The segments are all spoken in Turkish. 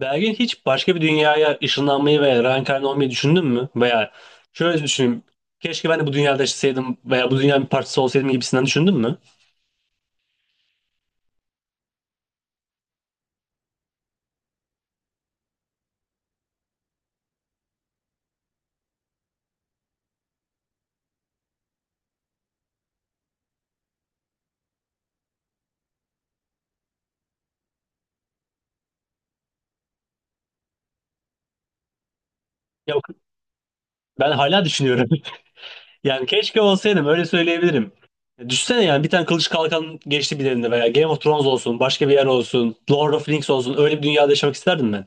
Belki hiç başka bir dünyaya ışınlanmayı veya reenkarne olmayı düşündün mü? Veya şöyle düşünün. Keşke ben de bu dünyada yaşasaydım veya bu dünyanın bir parçası olsaydım gibisinden düşündün mü? Yok, ben hala düşünüyorum. Yani keşke olsaydım öyle söyleyebilirim. Düşünsene, yani bir tane kılıç kalkan geçti bir elinde veya Game of Thrones olsun, başka bir yer olsun, Lord of the Rings olsun, öyle bir dünyada yaşamak isterdim ben.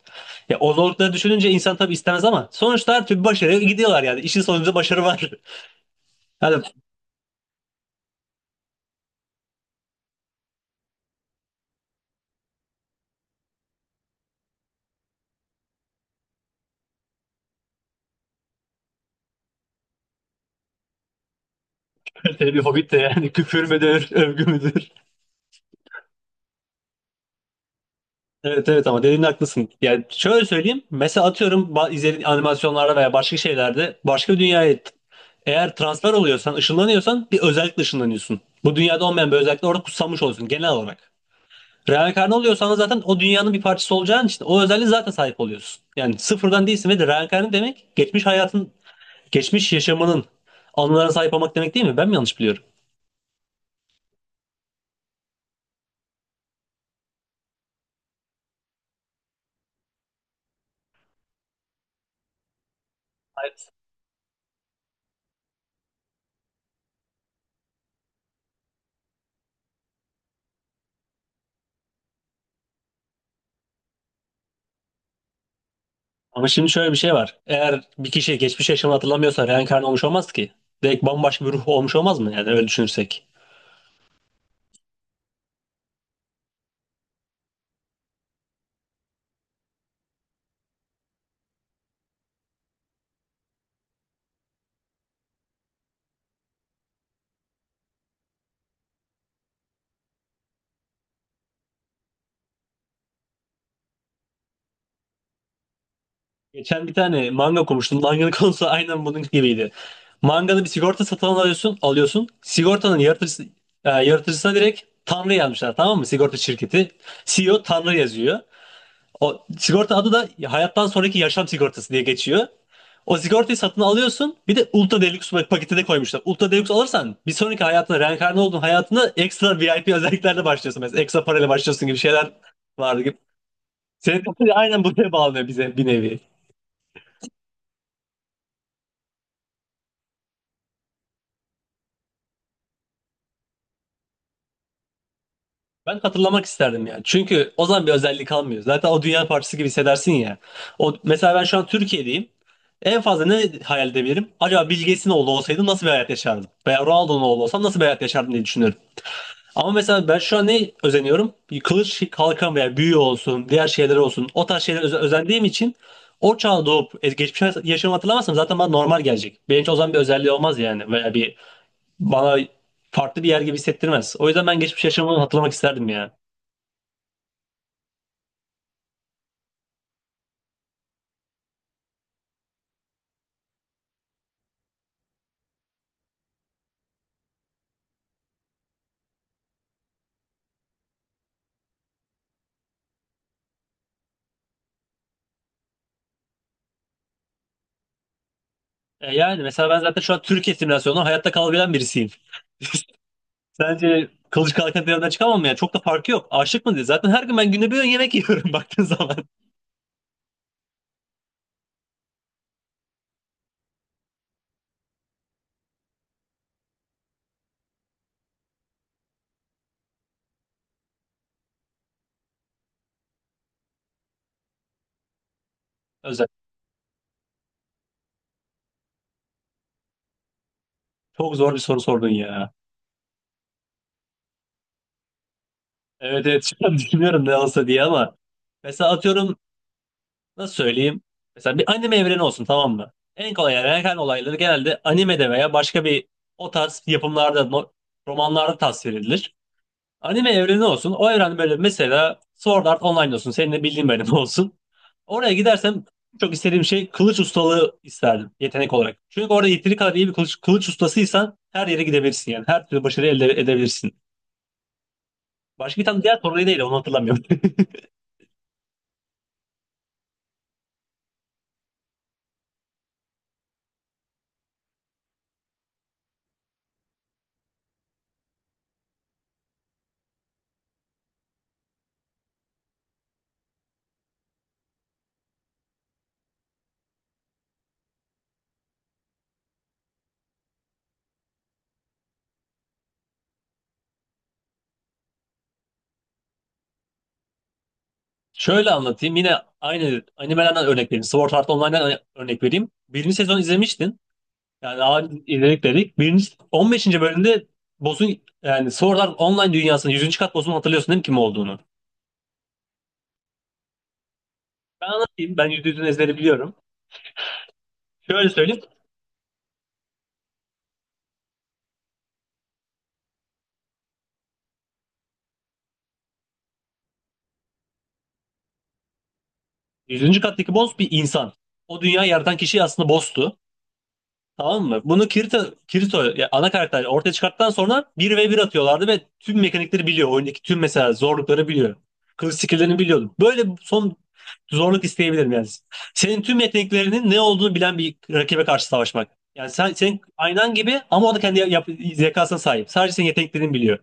Ya o zorlukları düşününce insan tabii istemez ama sonuçta her türlü başarıya gidiyorlar yani. İşin sonunda başarı var. Yani bir hobbit de, yani küfür müdür, övgü müdür? Evet, evet, ama dediğin, haklısın. Yani şöyle söyleyeyim. Mesela atıyorum, izlediğin animasyonlarda veya başka şeylerde başka bir dünyaya eğer transfer oluyorsan, ışınlanıyorsan, bir özellikle ışınlanıyorsun. Bu dünyada olmayan bir özellikle orada kutsanmış oluyorsun genel olarak. Reenkarnı oluyorsan da zaten o dünyanın bir parçası olacağın için o özelliğe zaten sahip oluyorsun. Yani sıfırdan değilsin ve de reenkarnı demek geçmiş hayatın, geçmiş yaşamının anılarına sahip olmak demek, değil mi? Ben mi yanlış biliyorum? Ama şimdi şöyle bir şey var. Eğer bir kişi geçmiş yaşamını hatırlamıyorsa reenkarnı olmuş olmaz ki. Direkt bambaşka bir ruh olmuş olmaz mı? Yani öyle düşünürsek. Geçen bir tane manga okumuştum. Manganın konusu aynen bunun gibiydi. Mangada bir sigorta satın alıyorsun. Yaratıcısına direkt Tanrı yazmışlar, tamam mı? Sigorta şirketi. CEO Tanrı yazıyor. O sigorta adı da hayattan sonraki yaşam sigortası diye geçiyor. O sigortayı satın alıyorsun. Bir de Ultra Deluxe paketi de koymuşlar. Ultra Deluxe alırsan bir sonraki hayatına, reenkarne olduğun hayatına ekstra VIP özelliklerle başlıyorsun. Mesela ekstra parayla başlıyorsun gibi şeyler vardı gibi. Senin aynen buraya bağlanıyor, bize bir nevi. Ben hatırlamak isterdim yani. Çünkü o zaman bir özellik kalmıyor. Zaten o dünya parçası gibi hissedersin ya. O, mesela ben şu an Türkiye'deyim. En fazla ne hayal edebilirim? Acaba Bill Gates'in oğlu olsaydım nasıl bir hayat yaşardım? Veya Ronaldo'nun oğlu olsam nasıl bir hayat yaşardım diye düşünüyorum. Ama mesela ben şu an ne özeniyorum? Bir kılıç, kalkan veya büyü olsun, diğer şeyler olsun. O tarz şeylere özendiğim için o çağa doğup geçmiş yaşamı hatırlamazsam zaten bana normal gelecek. Benim için o zaman bir özelliği olmaz yani. Veya bir bana farklı bir yer gibi hissettirmez. O yüzden ben geçmiş yaşamımı hatırlamak isterdim ya. E yani mesela ben zaten şu an Türkiye simülasyonunda hayatta kalabilen birisiyim. Sence kılıç kalkan teorinden çıkamam mı ya? Çok da farkı yok. Aşık mı diye. Zaten her gün ben günde bir öğün yemek yiyorum baktığın zaman. Özel. Çok zor bir soru sordun ya. Evet, evet, şu an düşünüyorum ne olsa diye ama mesela atıyorum, nasıl söyleyeyim, mesela bir anime evreni olsun, tamam mı? En kolay erken olayları genelde animede veya başka bir o tarz yapımlarda, romanlarda tasvir edilir. Anime evreni olsun, o evren böyle, mesela Sword Art Online olsun, senin de bildiğin, benim olsun. Oraya gidersem çok istediğim şey, kılıç ustalığı isterdim yetenek olarak. Çünkü orada yeteri kadar iyi bir kılıç ustasıysan her yere gidebilirsin yani, her türlü başarı elde edebilirsin. Başka bir tane diğer soruyu değil, onu hatırlamıyorum. Şöyle anlatayım. Yine aynı animelerden örnek vereyim. Sword Art Online'dan örnek vereyim. Birinci sezon izlemiştin. Yani ağır izledik dedik. Birinci, 15. bölümde boss'un, yani Sword Art Online dünyasının 100. kat boss'unu hatırlıyorsun değil mi kim olduğunu? Ben anlatayım. Ben yüzde yüzün ezberi biliyorum. Şöyle söyleyeyim. 100. kattaki boss bir insan. O dünyayı yaratan kişi aslında boss'tu. Tamam mı? Bunu Kirito ya, ana karakter ortaya çıkarttıktan sonra bir ve bir atıyorlardı ve tüm mekanikleri biliyor. Oyundaki tüm mesela zorlukları biliyor. Kılıç skill'lerini biliyordum. Böyle son zorluk isteyebilirim yani. Senin tüm yeteneklerinin ne olduğunu bilen bir rakibe karşı savaşmak. Yani sen, senin aynan gibi ama o da kendi zekasına sahip. Sadece senin yeteneklerini biliyor.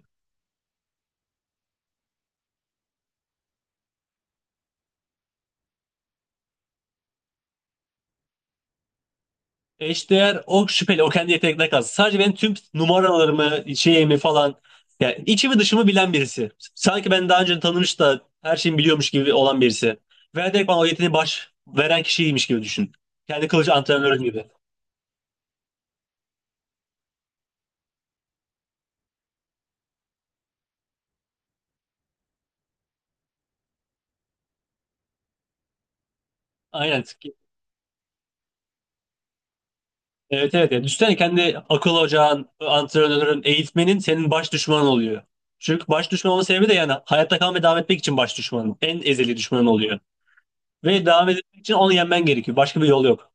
Eşdeğer o şüpheli, o kendi yeteneklerine kalsın. Sadece benim tüm numaralarımı, şeyimi falan, yani içimi dışımı bilen birisi. Sanki ben daha önce tanımış da her şeyi biliyormuş gibi olan birisi. Veya direkt bana o yeteneği baş veren kişiymiş gibi düşün. Kendi kılıcı antrenörün gibi. Aynen. Evet, evet. Yani düşünsene, kendi akıl ocağın, antrenörün, eğitmenin senin baş düşmanın oluyor. Çünkü baş düşman olma sebebi de, yani hayatta kalmaya devam etmek için baş düşmanın. En ezeli düşmanın oluyor. Ve devam etmek için onu yenmen gerekiyor. Başka bir yol yok.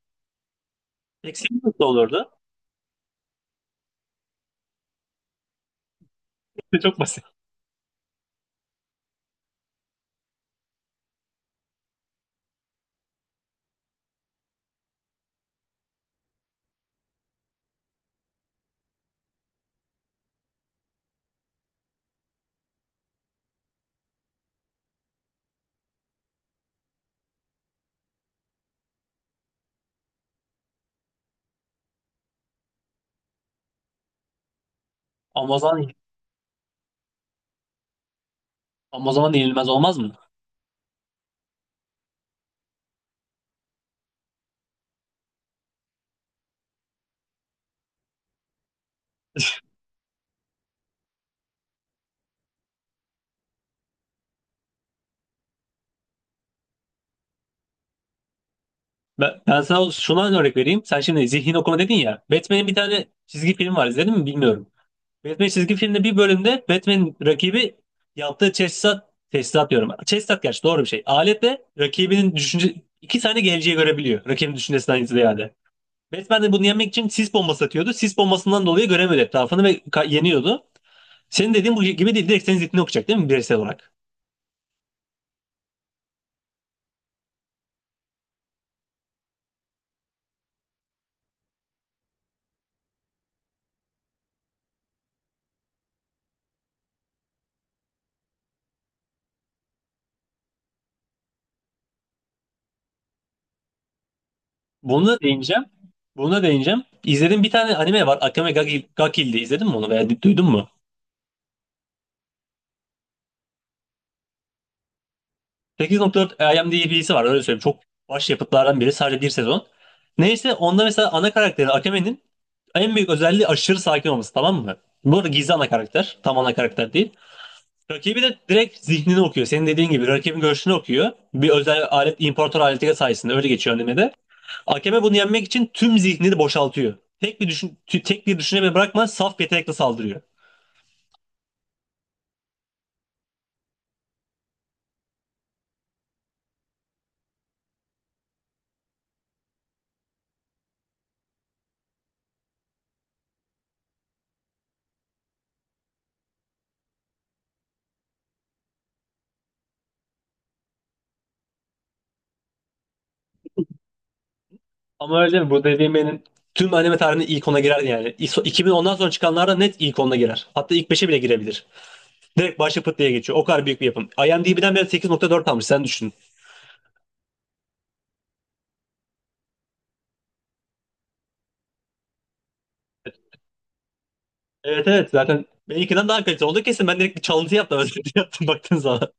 Peki senin nasıl olurdu? Çok basit. Amazon Amazon yenilmez olmaz mı? Ben sana şuna örnek vereyim. Sen şimdi zihin okuma dedin ya. Batman'in bir tane çizgi film var. İzledin mi bilmiyorum. Batman çizgi filmde bir bölümde Batman'in rakibi yaptığı teçhizat, teçhizat diyorum. Teçhizat gerçi doğru bir şey. Aletle rakibinin düşünce iki tane geleceği görebiliyor. Rakibin düşüncesinden ziyade. Batman de bunu yenmek için sis bombası atıyordu. Sis bombasından dolayı göremiyordu etrafını ve yeniyordu. Senin dediğin bu gibi değil. Direkt senin zihnini okuyacak değil mi bireysel olarak? Bunu da değineceğim. Bunu da değineceğim. İzlediğim bir tane anime var. Akame ga Kill diye. İzledin mi onu veya duydun mu? 8.4 IMDb'si var, öyle söyleyeyim. Çok başyapıtlardan biri. Sadece bir sezon. Neyse, onda mesela ana karakteri Akame'nin en büyük özelliği aşırı sakin olması, tamam mı? Bu arada gizli ana karakter. Tam ana karakter değil. Rakibi de direkt zihnini okuyor. Senin dediğin gibi rakibin görüşünü okuyor. Bir özel alet, imparator aleti sayesinde öyle geçiyor animede. Akame bunu yenmek için tüm zihnini boşaltıyor. Tek bir tek bir düşünce bile bırakmadan saf yetenekle saldırıyor. Ama öyle değil mi? Bu dediğim benim, tüm anime tarihinin ilk ona girer yani. 2010'dan sonra çıkanlarda net ilk ona girer. Hatta ilk beşe bile girebilir. Direkt başı pıt diye geçiyor. O kadar büyük bir yapım. IMDb'den beri 8.4 almış, sen düşün. Evet, evet, zaten benimkinden daha kaliteli oldu kesin. Ben direkt bir çalıntı yaptım. Özür yaptım baktığın zaman.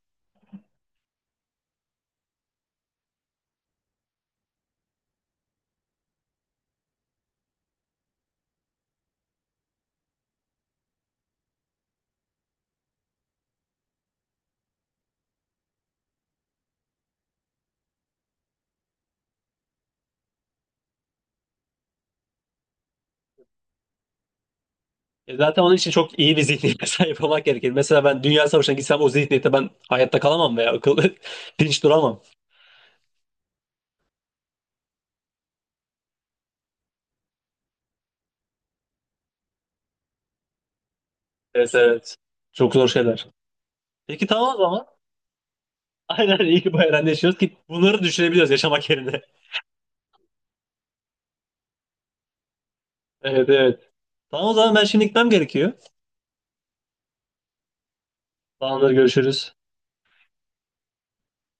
E zaten onun için çok iyi bir zihniyete sahip olmak gerekir. Mesela ben Dünya Savaşı'na gitsem o zihniyette ben hayatta kalamam veya akıl dinç duramam. Evet, evet. Çok zor şeyler. Peki, tamam o zaman. Aynen, iyi ki bu evrende yaşıyoruz ki bunları düşünebiliyoruz yaşamak yerine. Evet, evet. Tamam o zaman, ben şimdi gitmem gerekiyor. Tamamdır, görüşürüz.